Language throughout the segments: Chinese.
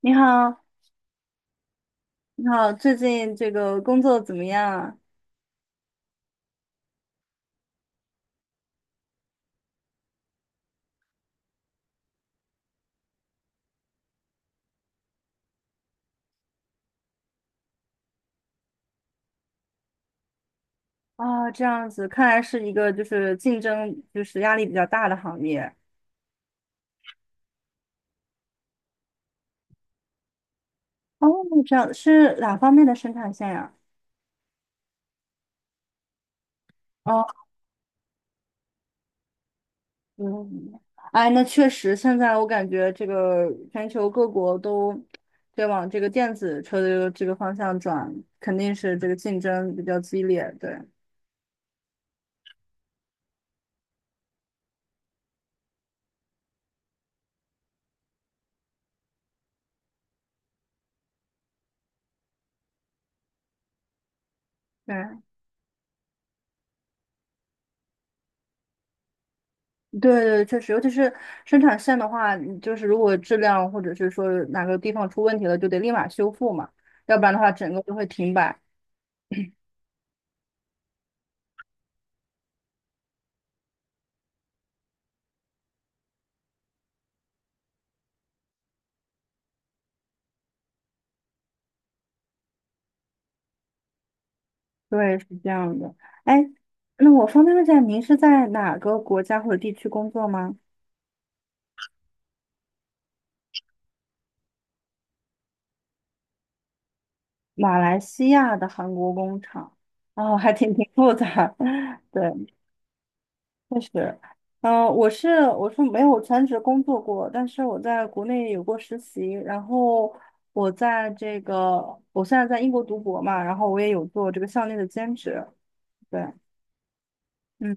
你好，你好，最近这个工作怎么样啊？啊，这样子，看来是一个竞争压力比较大的行业。哦，这样是哪方面的生产线呀？哦，嗯，哎，那确实，现在我感觉这个全球各国都在往这个电子车的这个方向转，肯定是这个竞争比较激烈，对。对。对对，确实，尤其是生产线的话，你就是如果质量或者是说哪个地方出问题了，就得立马修复嘛，要不然的话整个就会停摆。对，是这样的。哎，那我方便问一下，您是在哪个国家或者地区工作吗？马来西亚的韩国工厂，哦，还挺挺复杂。对，确实，我是没有全职工作过，但是我在国内有过实习，然后我在这个我现在在英国读博嘛，然后我也有做这个校内的兼职，对，嗯，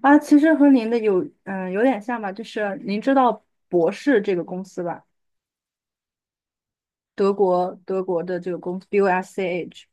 啊，其实和您的有点像吧，就是您知道博士这个公司吧，德国的这个公司 BOSCH。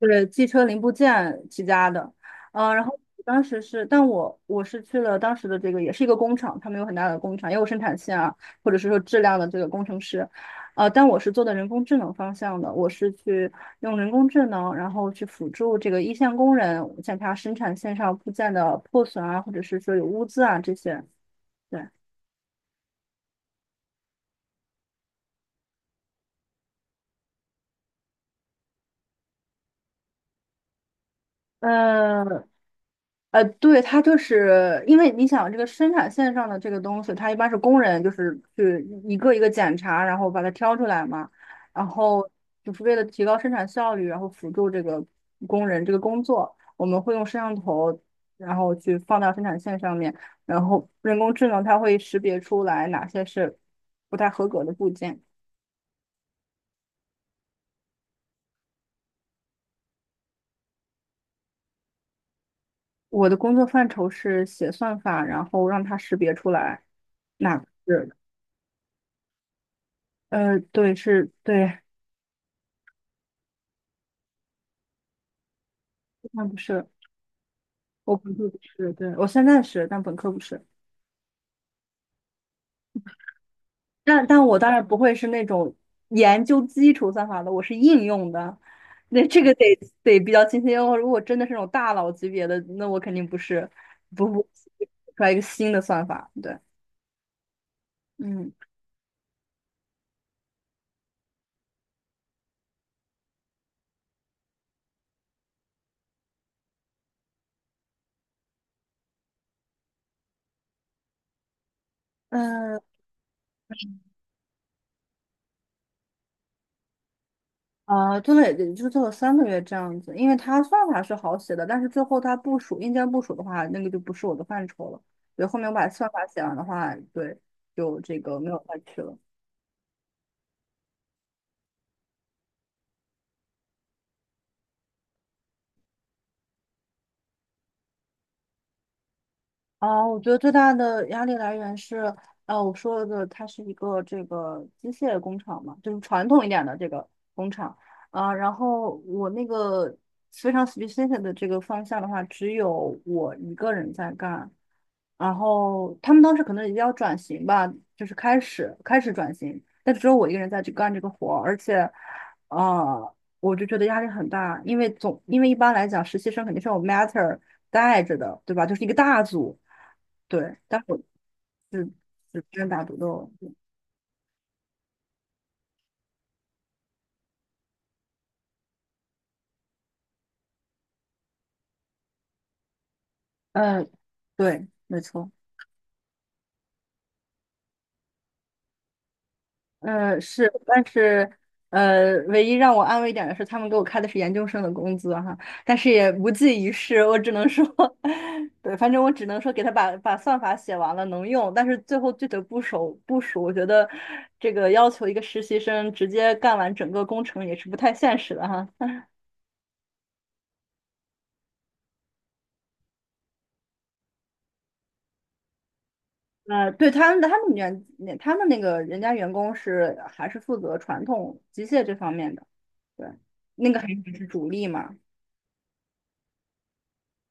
是汽车零部件起家的，然后当时是，但我是去了当时的这个也是一个工厂，他们有很大的工厂，也有生产线啊，或者是说质量的这个工程师，但我是做的人工智能方向的，我是去用人工智能，然后去辅助这个一线工人检查生产线上部件的破损啊，或者是说有污渍啊这些，对，呃，对，它就是因为你想这个生产线上的这个东西，它一般是工人就是去一个一个检查，然后把它挑出来嘛，然后就是为了提高生产效率，然后辅助这个工人这个工作，我们会用摄像头，然后去放到生产线上面，然后人工智能它会识别出来哪些是不太合格的部件。我的工作范畴是写算法，然后让它识别出来哪个是，对，是，对，那不是。我本科不是，对，我现在是，但本科不是。但我当然不会是那种研究基础算法的，我是应用的。那这个得得比较清晰。哦，如果真的是那种大佬级别的，那我肯定不是，不出来一个新的算法。对，嗯嗯做了也就做了三个月这样子，因为它算法是好写的，但是最后它部署硬件部署的话，那个就不是我的范畴了。对，后面我把算法写完的话，对，就这个没有再去了。哦，我觉得最大的压力来源是，我说的它是一个这个机械工厂嘛，就是传统一点的这个工厂啊，然后我那个非常 specific 的这个方向的话，只有我一个人在干，然后他们当时可能也要转型吧，就是开始转型，但只有我一个人在去干这个活儿而且，呃，我就觉得压力很大，因为一般来讲，实习生肯定是有 matter 带着的，对吧？就是一个大组。对，但我是是单打独斗。嗯，对，没错。嗯，是，但是唯一让我安慰一点的是，他们给我开的是研究生的工资哈，但是也无济于事。我只能说，对，反正我只能说给他把算法写完了能用，但是最后具体部署，我觉得这个要求一个实习生直接干完整个工程也是不太现实的哈。对他们那个人家员工是还是负责传统机械这方面的，对，那个还是主力嘛，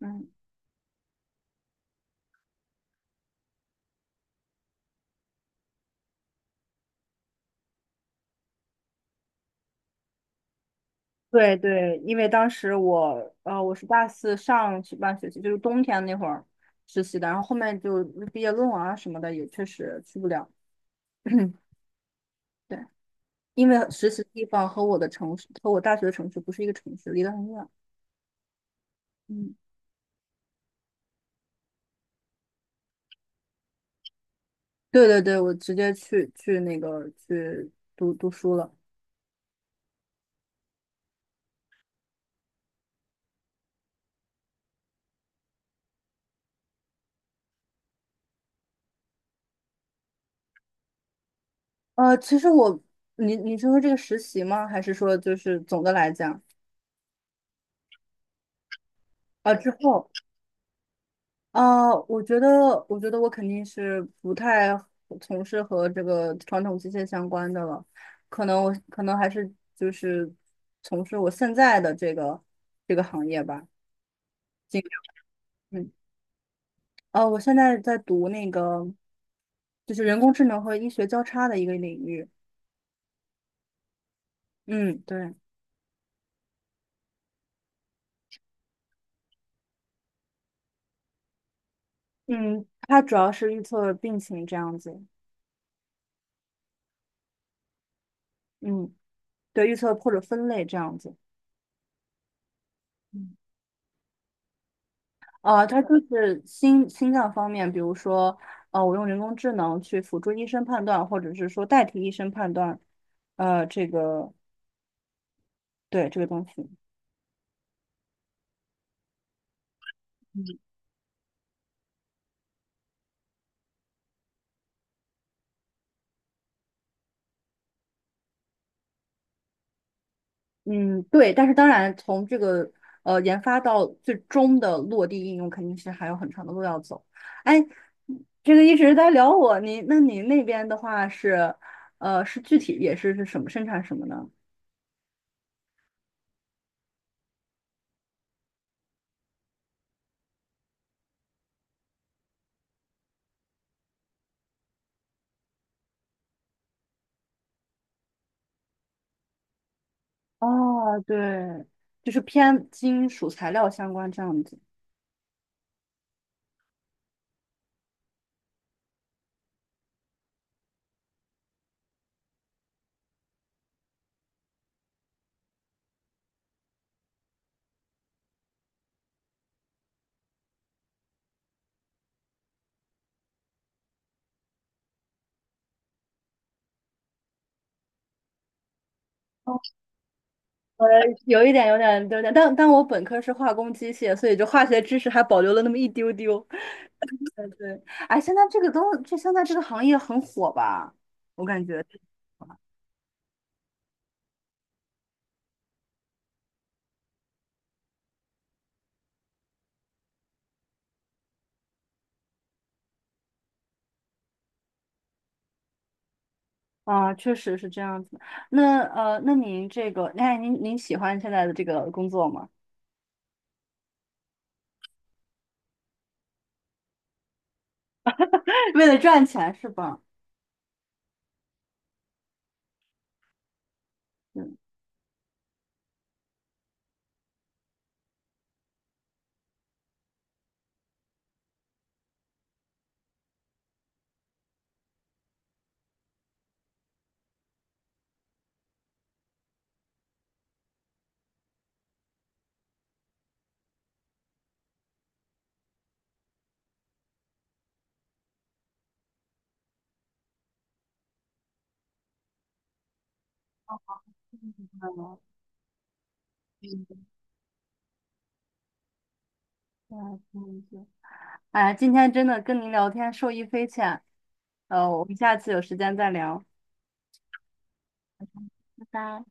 嗯，对对，因为当时我，我是大四上学半学期，就是冬天那会儿实习的，然后后面就毕业论文啊什么的也确实去不了，对，因为实习地方和我的城市和我大学的城市不是一个城市，离得很远，嗯，对对对，我直接去那个去读读书了。其实我，你是说这个实习吗？还是说就是总的来讲啊？之后啊，我觉得我肯定是不太从事和这个传统机械相关的了，可能还是就是从事我现在的这个行业吧。进嗯，我现在在读那个就是人工智能和医学交叉的一个领域。嗯，对，嗯，它主要是预测病情这样子。嗯。对，预测或者分类这样子。嗯它就是心脏方面，比如说，我用人工智能去辅助医生判断，或者是说代替医生判断，呃，这个对这个东西，嗯，对。但是当然，从这个研发到最终的落地应用，肯定是还有很长的路要走。哎，这个一直在聊我，你那边的话是，呃，是具体也是什么生产什么呢？哦，对，就是偏金属材料相关这样子。我有一点，有点，有点，但但我本科是化工机械，所以就化学知识还保留了那么一丢丢。对，哎，现在这个都，这现在这个行业很火吧？我感觉啊，确实是这样子。那那您这个，哎，您喜欢现在的这个工作吗？为了赚钱是吧？嗯，嗯嗯嗯嗯哎，今天真的跟您聊天受益匪浅。我们下次有时间再聊，拜拜。